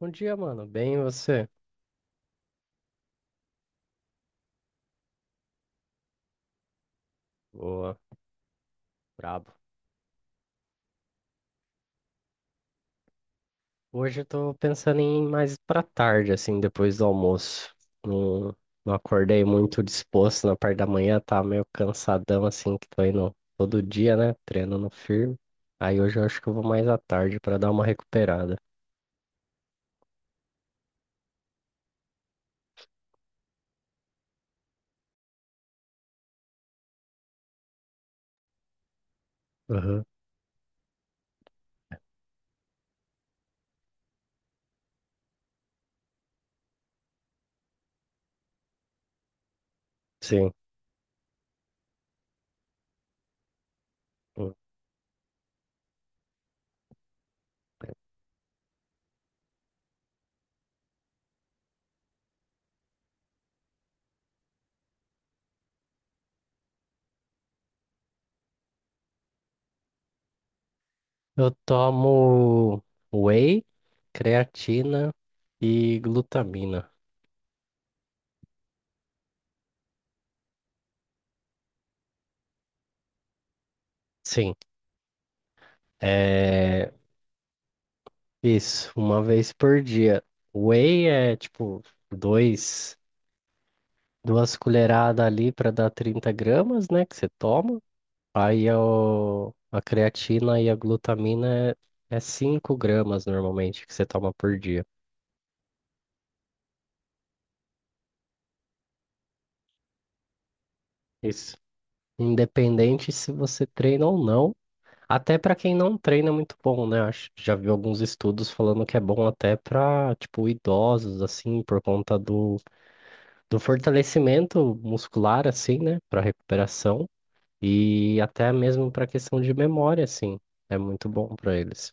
Bom dia, mano. Bem, e você? Boa, brabo. Hoje eu tô pensando em ir mais pra tarde, assim, depois do almoço. Não, não acordei muito disposto na parte da manhã, tá meio cansadão, assim, que tô indo todo dia, né? Treinando firme. Aí hoje eu acho que eu vou mais à tarde pra dar uma recuperada. Aham. Sim. Eu tomo whey, creatina e glutamina. Sim. é, Isso, uma vez por dia. Whey é tipo dois, duas colheradas ali para dar 30 gramas, né? Que você toma. Aí a creatina e a glutamina é 5 gramas normalmente que você toma por dia. Isso. Independente se você treina ou não. Até para quem não treina é muito bom, né? Acho, já vi alguns estudos falando que é bom até para, tipo, idosos, assim, por conta do fortalecimento muscular, assim, né? Para recuperação. E até mesmo para questão de memória, assim, é muito bom para eles.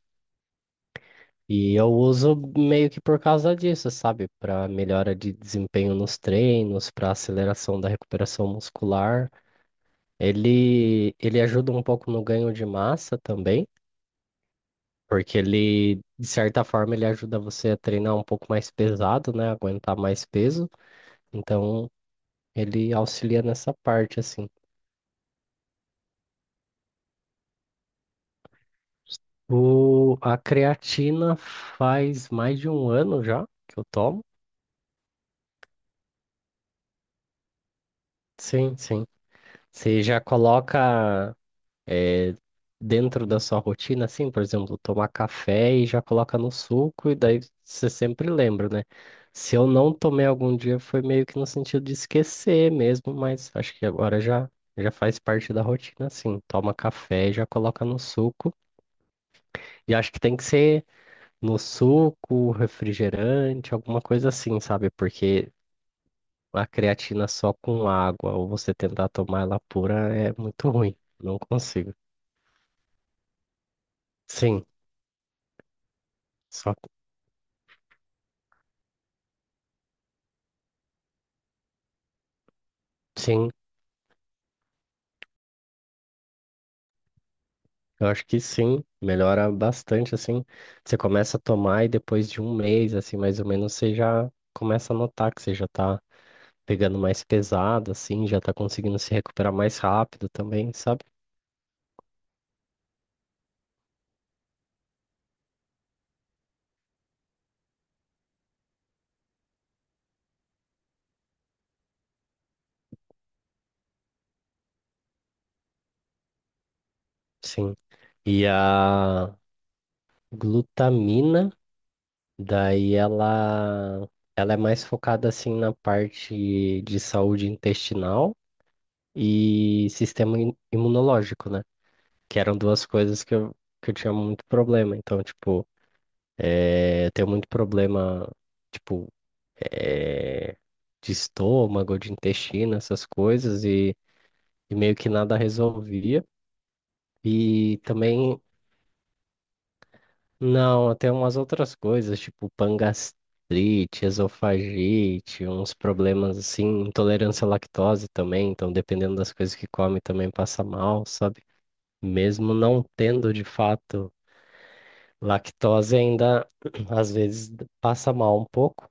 E eu uso meio que por causa disso, sabe? Para melhora de desempenho nos treinos, para aceleração da recuperação muscular. Ele ajuda um pouco no ganho de massa também, porque ele, de certa forma, ele ajuda você a treinar um pouco mais pesado, né? Aguentar mais peso. Então, ele auxilia nessa parte, assim. A creatina faz mais de um ano já que eu tomo. Sim, sim. Você já coloca eh, dentro da sua rotina, assim, por exemplo, tomar café e já coloca no suco, e daí você sempre lembra, né? Se eu não tomei algum dia, foi meio que no sentido de esquecer mesmo, mas acho que agora já faz parte da rotina, assim. Toma café e já coloca no suco. E acho que tem que ser no suco, refrigerante, alguma coisa assim, sabe? Porque a creatina só com água ou você tentar tomar ela pura é muito ruim. Não consigo. Sim, só sim. Eu acho que sim, melhora bastante assim. Você começa a tomar e depois de um mês, assim, mais ou menos, você já começa a notar que você já tá pegando mais pesado, assim, já tá conseguindo se recuperar mais rápido também, sabe? Sim. E a glutamina. Daí ela é mais focada assim na parte de saúde intestinal e sistema imunológico, né? Que eram duas coisas que eu tinha muito problema. Então, tipo, eu tenho muito problema, tipo, eh, de estômago, de intestino, essas coisas, e meio que nada resolvia. E também não, até umas outras coisas, tipo pangastrite, esofagite, uns problemas assim, intolerância à lactose também, então dependendo das coisas que come também passa mal, sabe? Mesmo não tendo de fato lactose, ainda às vezes passa mal um pouco.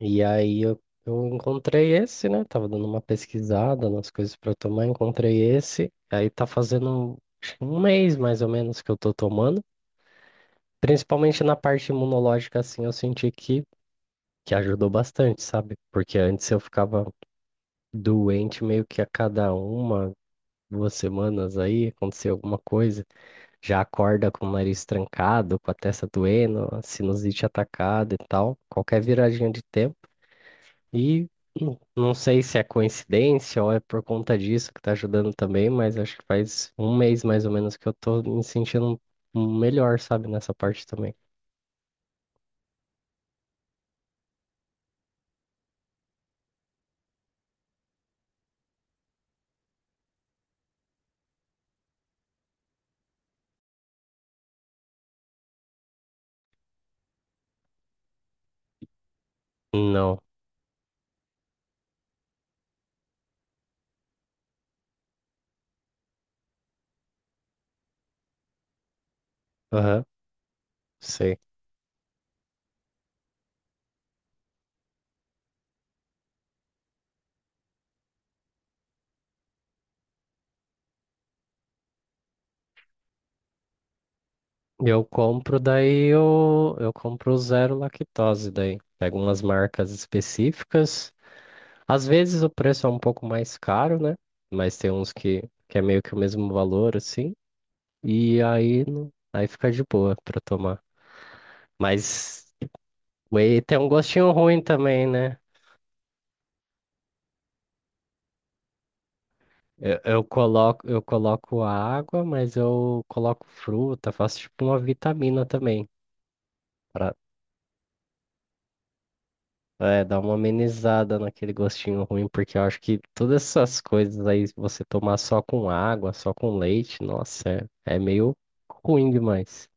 E aí eu encontrei esse, né? Tava dando uma pesquisada nas coisas para tomar, encontrei esse, aí tá fazendo acho que um mês mais ou menos que eu tô tomando. Principalmente na parte imunológica, assim, eu senti que ajudou bastante, sabe? Porque antes eu ficava doente meio que a cada uma, 2 semanas aí, acontecia alguma coisa. Já acorda com o nariz trancado, com a testa doendo, a sinusite atacada e tal, qualquer viradinha de tempo. E não sei se é coincidência ou é por conta disso que tá ajudando também, mas acho que faz um mês mais ou menos que eu tô me sentindo melhor, sabe? Nessa parte também. Não. Aham. Sei. Eu compro daí eu compro zero lactose daí. Pego umas marcas específicas. Às vezes o preço é um pouco mais caro, né? Mas tem uns que é meio que o mesmo valor, assim. E aí, aí fica de boa pra tomar. Mas whey tem um gostinho ruim também, né? Eu coloco água, mas eu coloco fruta, faço tipo uma vitamina também. É, dá uma amenizada naquele gostinho ruim, porque eu acho que todas essas coisas aí, se você tomar só com água, só com leite, nossa, é meio ruim demais.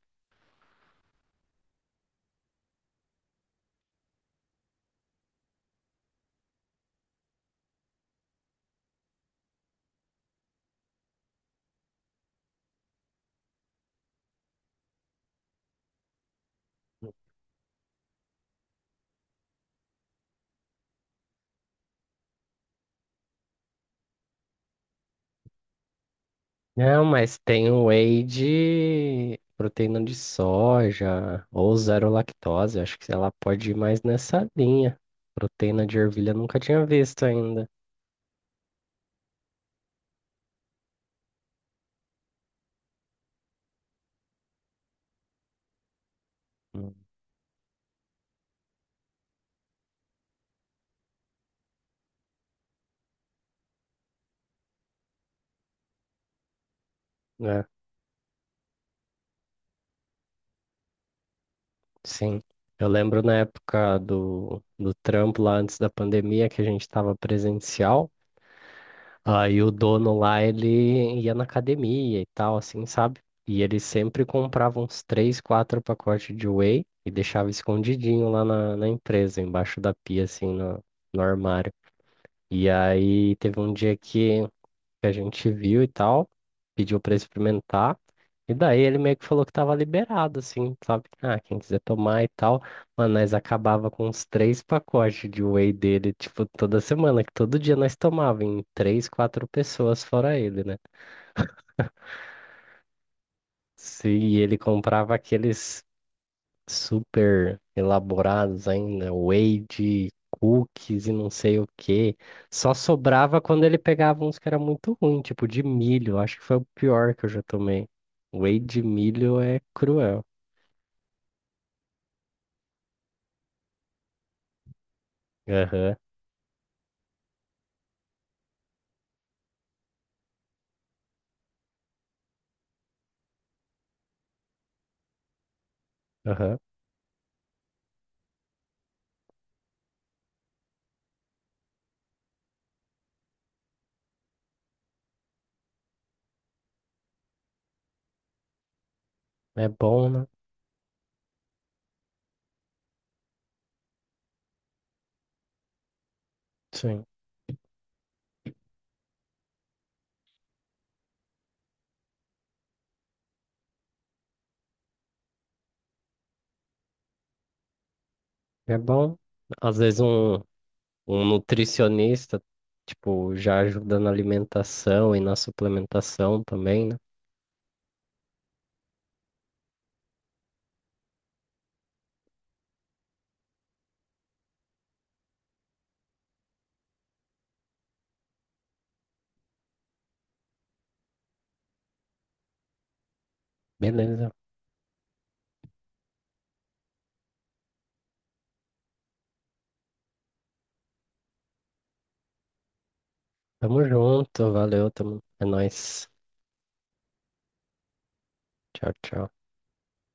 Não, mas tem o whey de proteína de soja ou zero lactose, acho que ela pode ir mais nessa linha. Proteína de ervilha eu nunca tinha visto ainda. Hum. É, sim. Eu lembro na época do trampo lá antes da pandemia que a gente estava presencial. Aí o dono lá, ele ia na academia e tal, assim, sabe? E ele sempre comprava uns três, quatro pacotes de whey e deixava escondidinho lá na empresa, embaixo da pia, assim, no armário. E aí teve um dia que a gente viu e tal, pediu pra experimentar. E daí ele meio que falou que tava liberado, assim, sabe? Ah, quem quiser tomar e tal. Mano, nós acabava com uns três pacotes de whey dele, tipo, toda semana, que todo dia nós tomava em três, quatro pessoas, fora ele, né? Sim, e ele comprava aqueles super elaborados ainda, whey de cookies e não sei o que. Só sobrava quando ele pegava uns que era muito ruim, tipo de milho. Acho que foi o pior que eu já tomei. Whey de milho é cruel. Aham, aham. É bom, né? Sim. É bom. Às vezes um nutricionista, tipo, já ajuda na alimentação e na suplementação também, né? Beleza. Tamo junto, valeu, É nóis. Tchau, tchau.